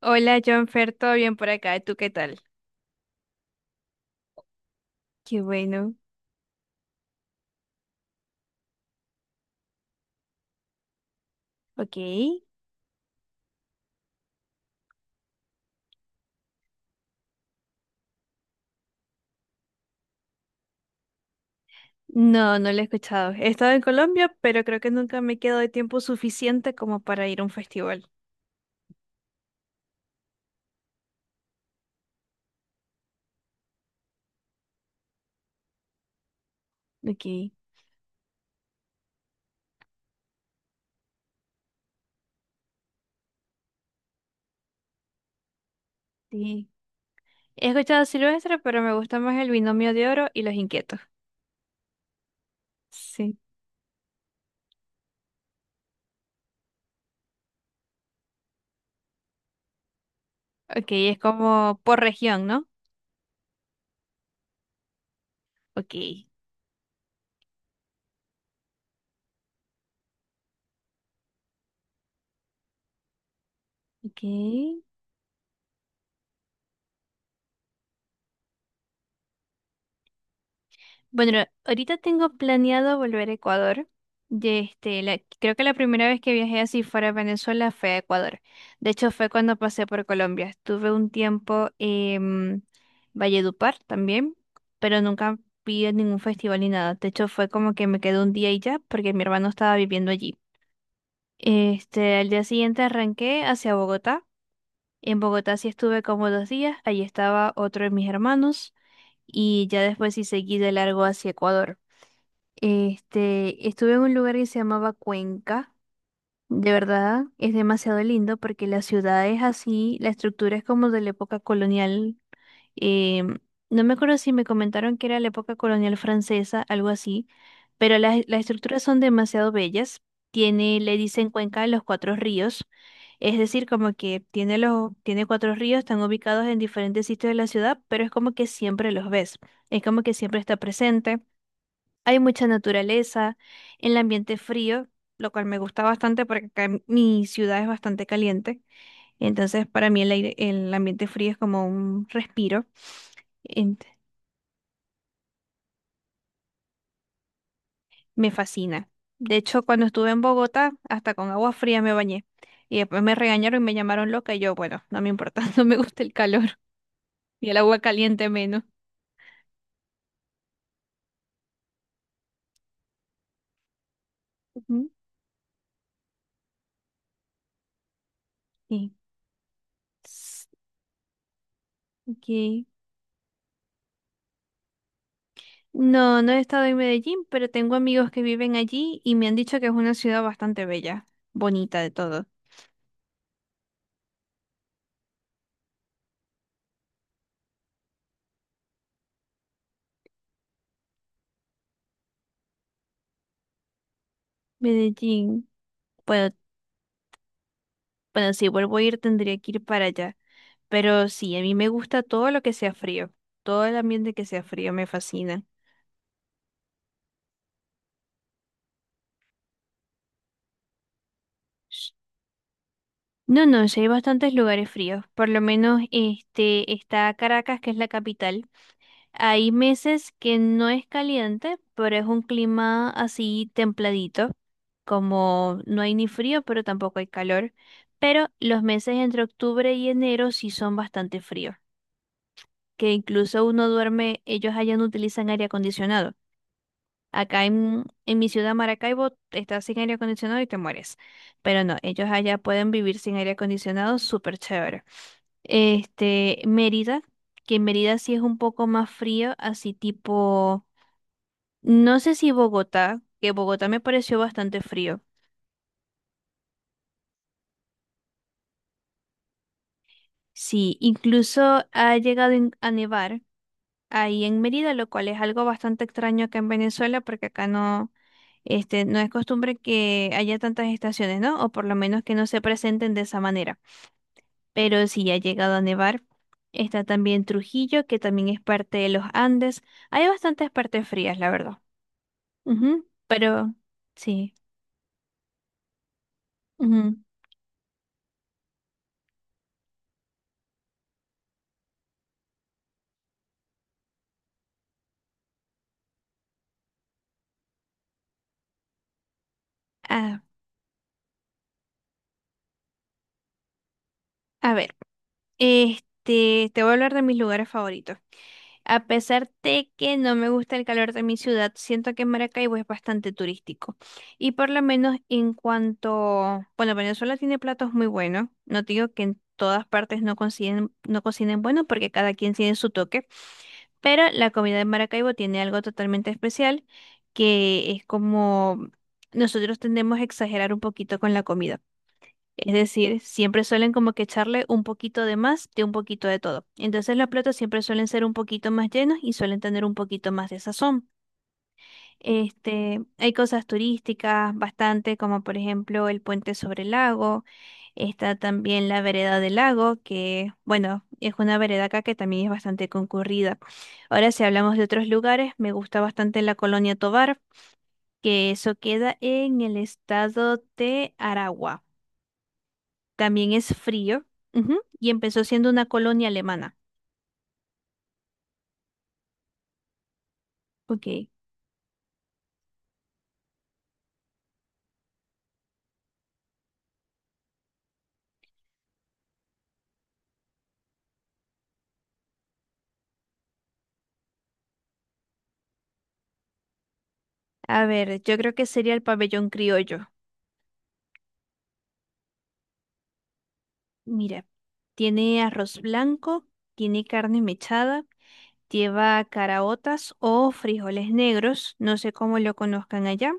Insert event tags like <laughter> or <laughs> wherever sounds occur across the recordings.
Hola, Jonfer, ¿todo bien por acá? ¿Tú qué tal? Qué bueno. Ok. No, no lo he escuchado. He estado en Colombia, pero creo que nunca me quedo de tiempo suficiente como para ir a un festival. Ok, sí. He escuchado Silvestre, pero me gusta más el Binomio de Oro y Los Inquietos. Sí. Ok, es como por región, ¿no? Ok. Ok. Bueno, ahorita tengo planeado volver a Ecuador. Creo que la primera vez que viajé así fuera de Venezuela fue a Ecuador. De hecho, fue cuando pasé por Colombia. Estuve un tiempo en Valledupar también, pero nunca vi en ningún festival ni nada. De hecho, fue como que me quedé un día y ya, porque mi hermano estaba viviendo allí. Al día siguiente arranqué hacia Bogotá. En Bogotá sí estuve como dos días. Allí estaba otro de mis hermanos y ya después sí seguí de largo hacia Ecuador. Estuve en un lugar que se llamaba Cuenca. De verdad, es demasiado lindo porque la ciudad es así, la estructura es como de la época colonial. eh, no me acuerdo si me comentaron que era la época colonial francesa, algo así, pero las estructuras son demasiado bellas. Tiene, le dicen Cuenca de los Cuatro Ríos, es decir, como que tiene los, tiene cuatro ríos, están ubicados en diferentes sitios de la ciudad, pero es como que siempre los ves, es como que siempre está presente. Hay mucha naturaleza, el ambiente es frío, lo cual me gusta bastante porque acá en mi ciudad es bastante caliente. Entonces, para mí el aire, el ambiente frío es como un respiro. ent- Me fascina. De hecho, cuando estuve en Bogotá, hasta con agua fría me bañé. Y después me regañaron y me llamaron loca y yo, bueno, no me importa, <laughs> no me gusta el calor y el agua caliente menos. Ujú. Sí. S- ok. No, no he estado en Medellín, pero tengo amigos que viven allí y me han dicho que es una ciudad bastante bella, bonita de todo. Medellín. Bueno, bueno, si vuelvo a ir tendría que ir para allá. Pero sí, a mí me gusta todo lo que sea frío. Todo el ambiente que sea frío me fascina. Sh- No, no, sí hay bastantes lugares fríos. Por lo menos este está Caracas, que es la capital. Hay meses que no es caliente, pero es un clima así templadito. Como no hay ni frío, pero tampoco hay calor. Pero los meses entre octubre y enero sí son bastante fríos, que incluso uno duerme, ellos allá no utilizan aire acondicionado. Acá en mi ciudad, Maracaibo, estás sin aire acondicionado y te mueres. Pero no, ellos allá pueden vivir sin aire acondicionado, súper chévere. Mérida, que en Mérida sí es un poco más frío, así tipo, no sé si Bogotá, que Bogotá me pareció bastante frío. Sí, incluso ha llegado a nevar ahí en Mérida, lo cual es algo bastante extraño acá en Venezuela, porque acá no, no es costumbre que haya tantas estaciones, ¿no? O por lo menos que no se presenten de esa manera. Pero sí ha llegado a nevar. Está también Trujillo, que también es parte de los Andes. Hay bastantes partes frías, la verdad. Ujú. Pero sí. Ujú. Ah, a ver. Te voy a hablar de mis lugares favoritos. A pesar de que no me gusta el calor de mi ciudad, siento que Maracaibo es bastante turístico. Y por lo menos en cuanto, bueno, Venezuela tiene platos muy buenos. No te digo que en todas partes no cocinen, no cocinen bueno, porque cada quien tiene su toque. Pero la comida de Maracaibo tiene algo totalmente especial, que es como nosotros tendemos a exagerar un poquito con la comida. Es decir, siempre suelen como que echarle un poquito de más de un poquito de todo. Entonces los platos siempre suelen ser un poquito más llenos y suelen tener un poquito más de sazón. Hay cosas turísticas bastante, como por ejemplo el puente sobre el lago. Está también la vereda del lago, que bueno, es una vereda acá que también es bastante concurrida. Ahora, si hablamos de otros lugares, me gusta bastante la Colonia Tovar, que eso queda en el estado de Aragua. También es frío. Ujú. Y empezó siendo una colonia alemana. Ok. A ver, yo creo que sería el pabellón criollo. Mira, tiene arroz blanco, tiene carne mechada, lleva caraotas o frijoles negros, no sé cómo lo conozcan allá,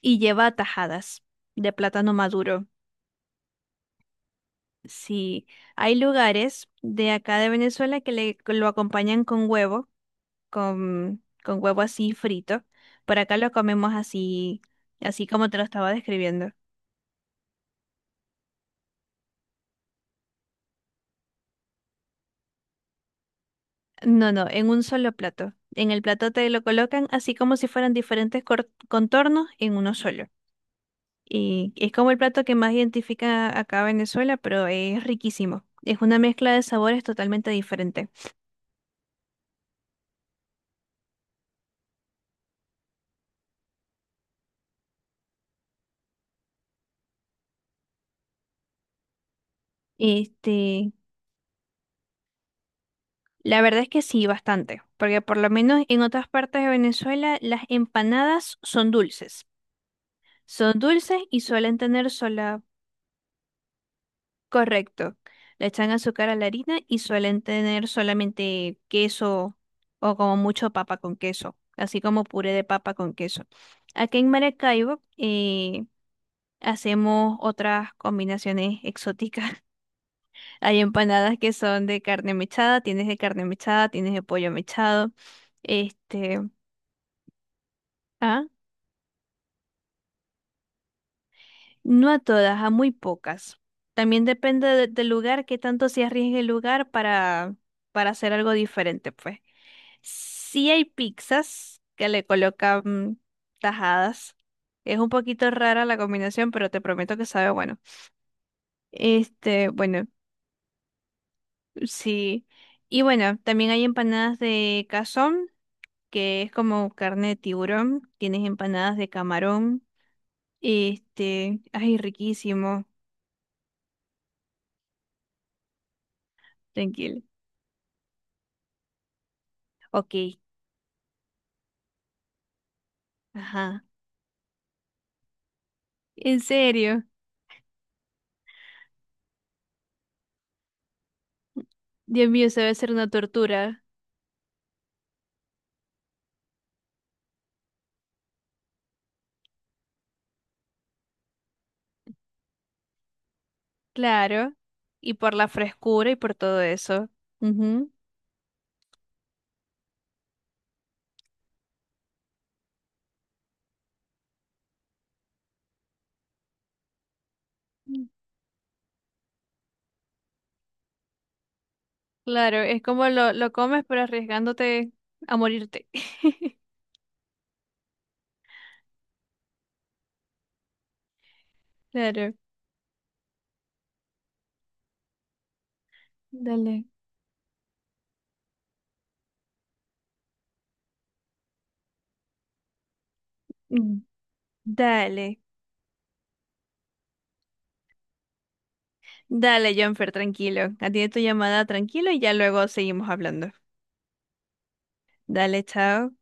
y lleva tajadas de plátano maduro. Sí, hay lugares de acá de Venezuela que lo acompañan con huevo con huevo así frito. Por acá lo comemos así, así como te lo estaba describiendo. No, no, en un solo plato. En el plato te lo colocan así como si fueran diferentes contornos en uno solo. Y es como el plato que más identifica acá a Venezuela, pero es riquísimo. Es una mezcla de sabores totalmente diferente. Este, la verdad es que sí, bastante, porque por lo menos en otras partes de Venezuela las empanadas son dulces. Son dulces y suelen tener. Correcto. Le echan azúcar a la harina y suelen tener solamente queso o como mucho papa con queso, así como puré de papa con queso. Aquí en Maracaibo, hacemos otras combinaciones exóticas. <laughs> Hay empanadas que son de carne mechada, tienes de carne mechada, tienes de pollo mechado. Este, ah, no a todas, a muy pocas. También depende del lugar, qué tanto se arriesgue el lugar para hacer algo diferente, pues. Sí hay pizzas que le colocan tajadas. Es un poquito rara la combinación, pero te prometo que sabe bueno. Este, bueno, sí. Y bueno, también hay empanadas de cazón, que es como carne de tiburón. Tienes empanadas de camarón. Ay, riquísimo. Tranquilo. Ok, ajá. ¿En serio? Dios mío, eso debe ser una tortura. Claro. Y por la frescura y por todo eso. Ujú. Claro, es como lo comes, pero arriesgándote a morirte. <laughs> Claro, dale. Mm. Dale, dale, Jonfer, tranquilo. Atiende tu llamada tranquilo y ya luego seguimos hablando. Dale, chao.